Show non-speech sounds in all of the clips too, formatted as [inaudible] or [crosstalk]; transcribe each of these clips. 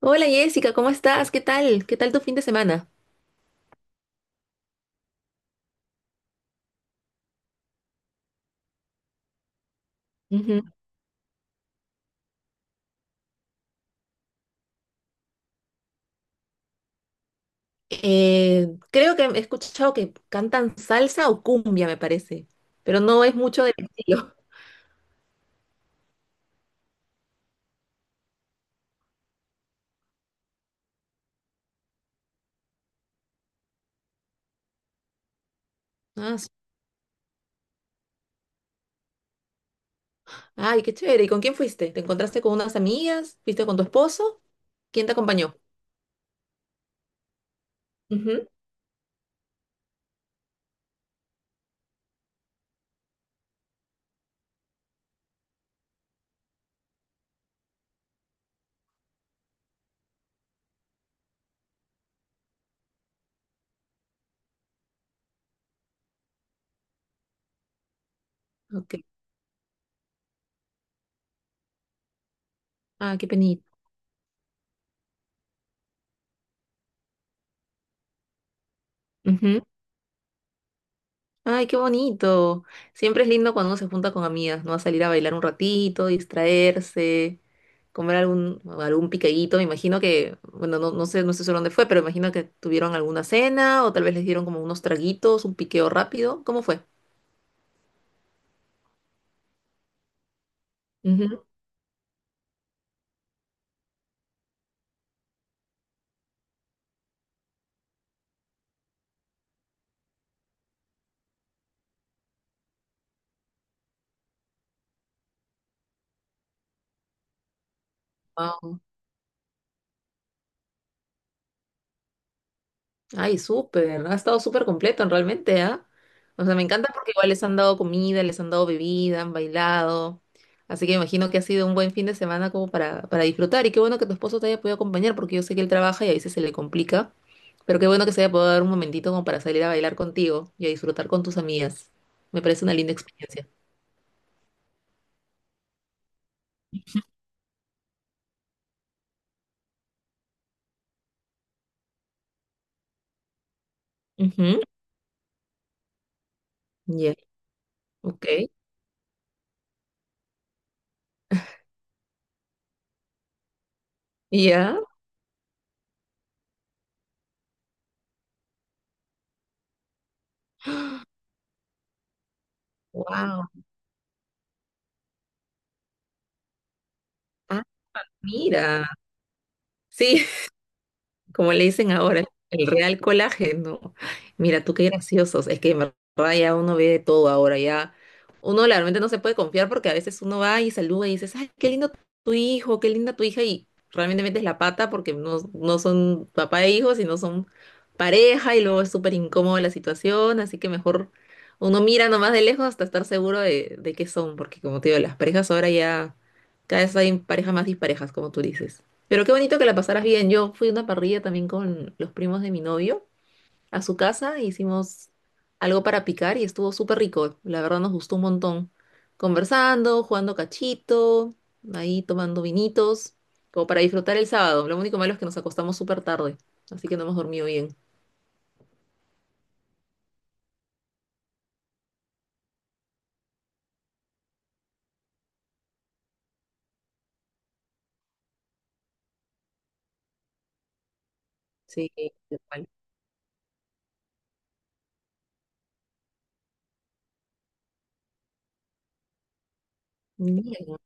Hola Jessica, ¿cómo estás? ¿Qué tal? ¿Qué tal tu fin de semana? Ujú. Creo que he escuchado que cantan salsa o cumbia, me parece, pero no es mucho del estilo. [laughs] Ah, su- Ay, qué chévere. ¿Y con quién fuiste? ¿Te encontraste con unas amigas? ¿Fuiste con tu esposo? ¿Quién te acompañó? Ujú. Ok. Ah, qué penita. Ujú. Ay, qué bonito. Siempre es lindo cuando uno se junta con amigas, ¿no? A salir a bailar un ratito, distraerse. Comer algún picadito. Me imagino que, bueno, no sé seguro dónde fue, pero me imagino que tuvieron alguna cena o tal vez les dieron como unos traguitos, un piqueo rápido. ¿Cómo fue? Ujú. Ay, súper, ha estado súper completo realmente, ¿ah? O sea, me encanta porque igual les han dado comida, les han dado bebida, han bailado. Así que me imagino que ha sido un buen fin de semana como para disfrutar. Y qué bueno que tu esposo te haya podido acompañar, porque yo sé que él trabaja y a veces se le complica. Pero qué bueno que se haya podido dar un momentito como para salir a bailar contigo y a disfrutar con tus amigas. Me parece una linda experiencia. Ujú. Ya, ok. Ya, wow. Ah, mira. Sí, como le dicen ahora, el real colágeno. Mira, tú qué graciosos. Es que en verdad ya uno ve de todo ahora, ya uno realmente no se puede confiar porque a veces uno va y saluda y dices, ay, qué lindo tu hijo, qué linda tu hija, y realmente metes la pata porque no son papá e hijo, sino son pareja y luego es súper incómoda la situación, así que mejor uno mira nomás de lejos hasta estar seguro de qué son, porque como te digo, las parejas ahora ya cada vez hay parejas más disparejas, como tú dices. Pero qué bonito que la pasaras bien. Yo fui a una parrilla también con los primos de mi novio a su casa, e hicimos algo para picar y estuvo súper rico. La verdad nos gustó un montón. Conversando, jugando cachito, ahí tomando vinitos, como para disfrutar el sábado. Lo único malo es que nos acostamos súper tarde, así que no hemos dormido bien. Sí, tal cual. Bien.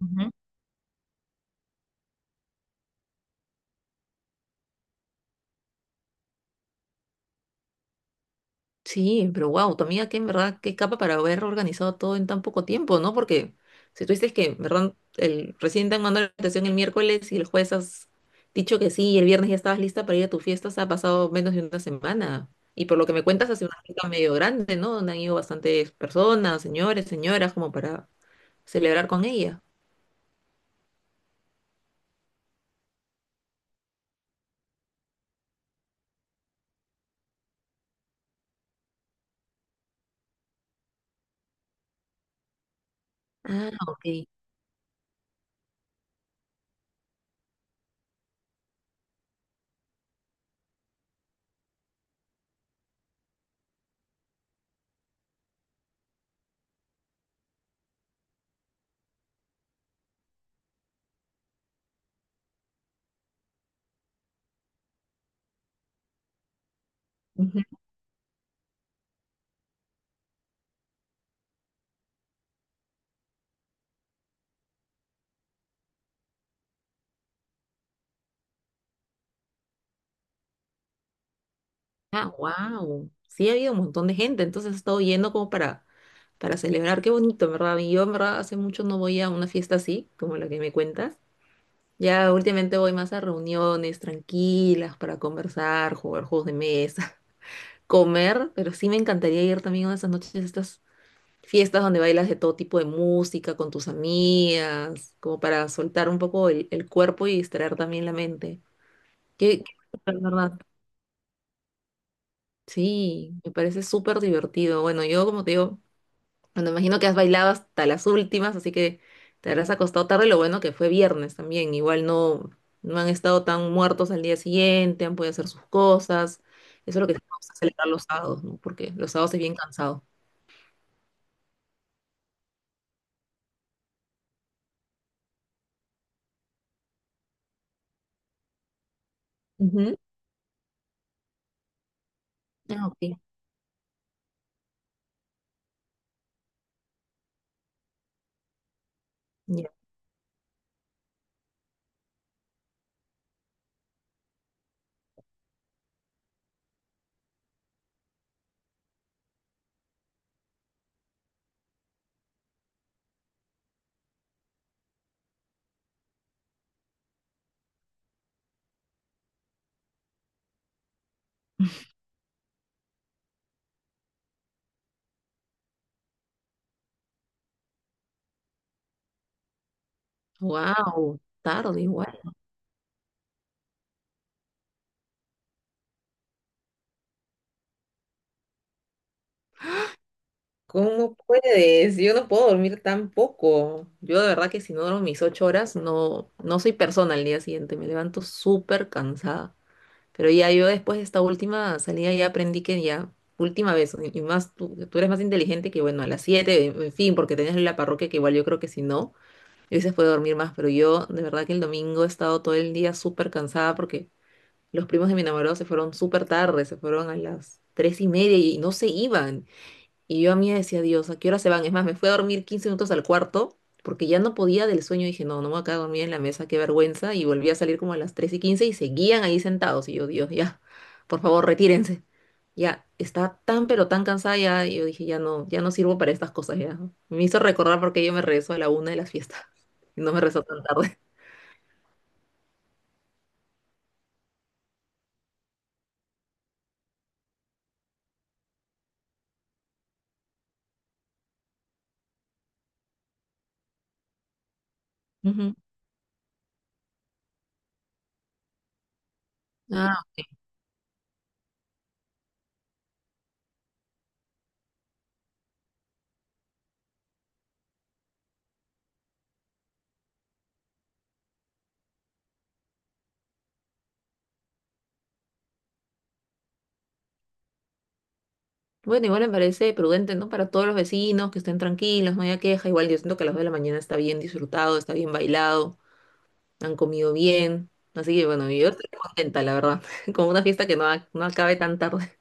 Ujú. Sí, pero wow, tu amiga que en verdad, qué capa para haber organizado todo en tan poco tiempo, ¿no? Porque si tú dices que, en verdad, el, recién te han mandado la invitación el miércoles y el jueves has dicho que sí y el viernes ya estabas lista para ir a tu fiesta, se ha pasado menos de una semana. Y por lo que me cuentas, hace una fiesta medio grande, ¿no? Donde han ido bastantes personas, señores, señoras, como para celebrar con ella. Ah, ok. Ujú. Ah, wow. Sí, ha habido un montón de gente, entonces ha estado yendo como para celebrar. Qué bonito, ¿verdad? Y yo, en verdad, hace mucho no voy a una fiesta así, como la que me cuentas. Ya últimamente voy más a reuniones tranquilas para conversar, jugar juegos de mesa, [laughs] comer, pero sí me encantaría ir también a esas noches, a estas fiestas donde bailas de todo tipo de música con tus amigas, como para soltar un poco el cuerpo y distraer también la mente. Qué, qué- Verdad. Sí, me parece súper divertido. Bueno, yo como te digo, Bueno, imagino que has bailado hasta las últimas, así que te habrás acostado tarde. Lo bueno que fue viernes también. Igual no han estado tan muertos al día siguiente, han podido hacer sus cosas. Eso es lo que tenemos que celebrar los sábados, ¿no? Porque los sábados es bien cansado. Ujú. Ah, ok. Ya. Wow, tarde igual. ¿Cómo puedes? Yo no puedo dormir tan poco. Yo de verdad que si no duermo mis 8 horas, no soy persona al día siguiente. Me levanto súper cansada. Pero ya yo después de esta última salida ya aprendí que ya, última vez, y más tú, tú eres más inteligente que bueno, a las 7 en fin, porque tenías la parroquia que igual yo creo que si no, yo se puede dormir más, pero yo de verdad que el domingo he estado todo el día súper cansada porque los primos de mi enamorado se fueron súper tarde, se fueron a las tres y media y no se iban, y yo a mí decía, Dios, ¿a qué hora se van? Es más, me fui a dormir 15 minutos al cuarto porque ya no podía del sueño. Dije, no me voy a quedar dormida en la mesa, qué vergüenza. Y volví a salir como a las 3 y 15 y seguían ahí sentados. Y yo, Dios, ya, por favor, retírense. Ya, estaba tan pero tan cansada ya. Y yo dije, ya no, ya no sirvo para estas cosas ya. Me hizo recordar porque yo me rezo a la una de las fiestas. [laughs] Y no me rezo tan tarde. Ujú. Ah, bueno, igual me parece prudente, ¿no? Para todos los vecinos que estén tranquilos, no haya queja. Igual yo siento que a las 2 de la mañana está bien disfrutado, está bien bailado. Han comido bien. Así que bueno, yo estoy contenta, la verdad, [laughs] como una fiesta que no acabe tan tarde.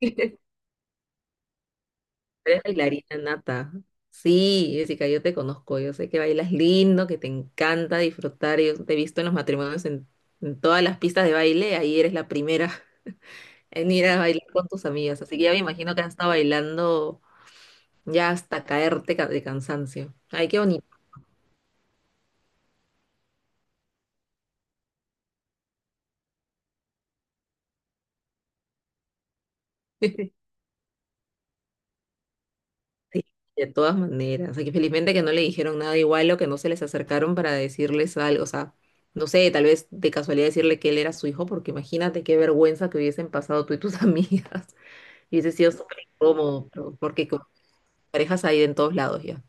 [laughs] Eres bailarina nata. Sí, Jessica, yo te conozco, yo sé que bailas lindo, que te encanta disfrutar. Yo te he visto en los matrimonios en todas las pistas de baile, ahí eres la primera [laughs] en ir a bailar con tus amigas. Así que ya me imagino que has estado bailando ya hasta de cansancio. Ay, qué bonito. [laughs] Sí, de todas maneras. Aquí felizmente que no le dijeron nada igual o que no se les acercaron para decirles algo. O sea, no sé, tal vez de casualidad decirle que él era su hijo, porque imagínate qué vergüenza que hubiesen pasado tú y tus [laughs] amigas. Y hubiese sido súper incómodo, porque con parejas hay en todos lados ya.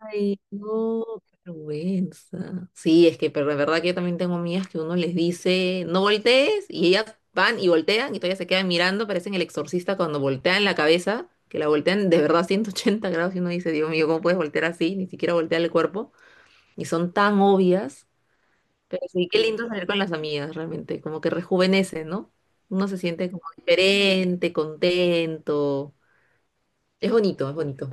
Ay, no, qué vergüenza. Sí, es que pero de verdad que yo también tengo amigas que uno les dice, no voltees, y ellas van y voltean y todavía se quedan mirando, parecen el exorcista cuando voltean la cabeza, que la voltean de verdad 180 grados y uno dice, Dios mío, ¿cómo puedes voltear así? Ni siquiera voltear el cuerpo. Y son tan obvias, pero sí, qué lindo salir con las amigas, realmente, como que rejuvenece, ¿no? Uno se siente como diferente, contento. Es bonito, es bonito.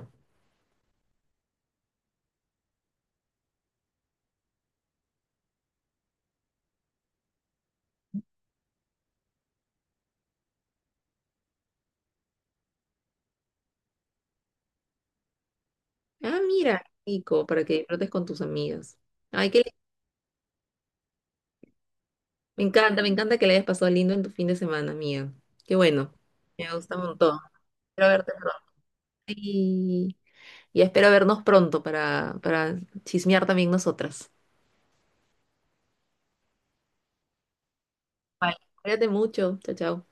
Ah, mira, Nico, para que disfrutes con tus amigas. Ay, qué me encanta que le hayas pasado lindo en tu fin de semana, amiga. Qué bueno. Me gusta un montón. Espero verte pronto. Y, y espero vernos pronto para chismear también nosotras. Bye. Cuídate mucho. Chao, chao.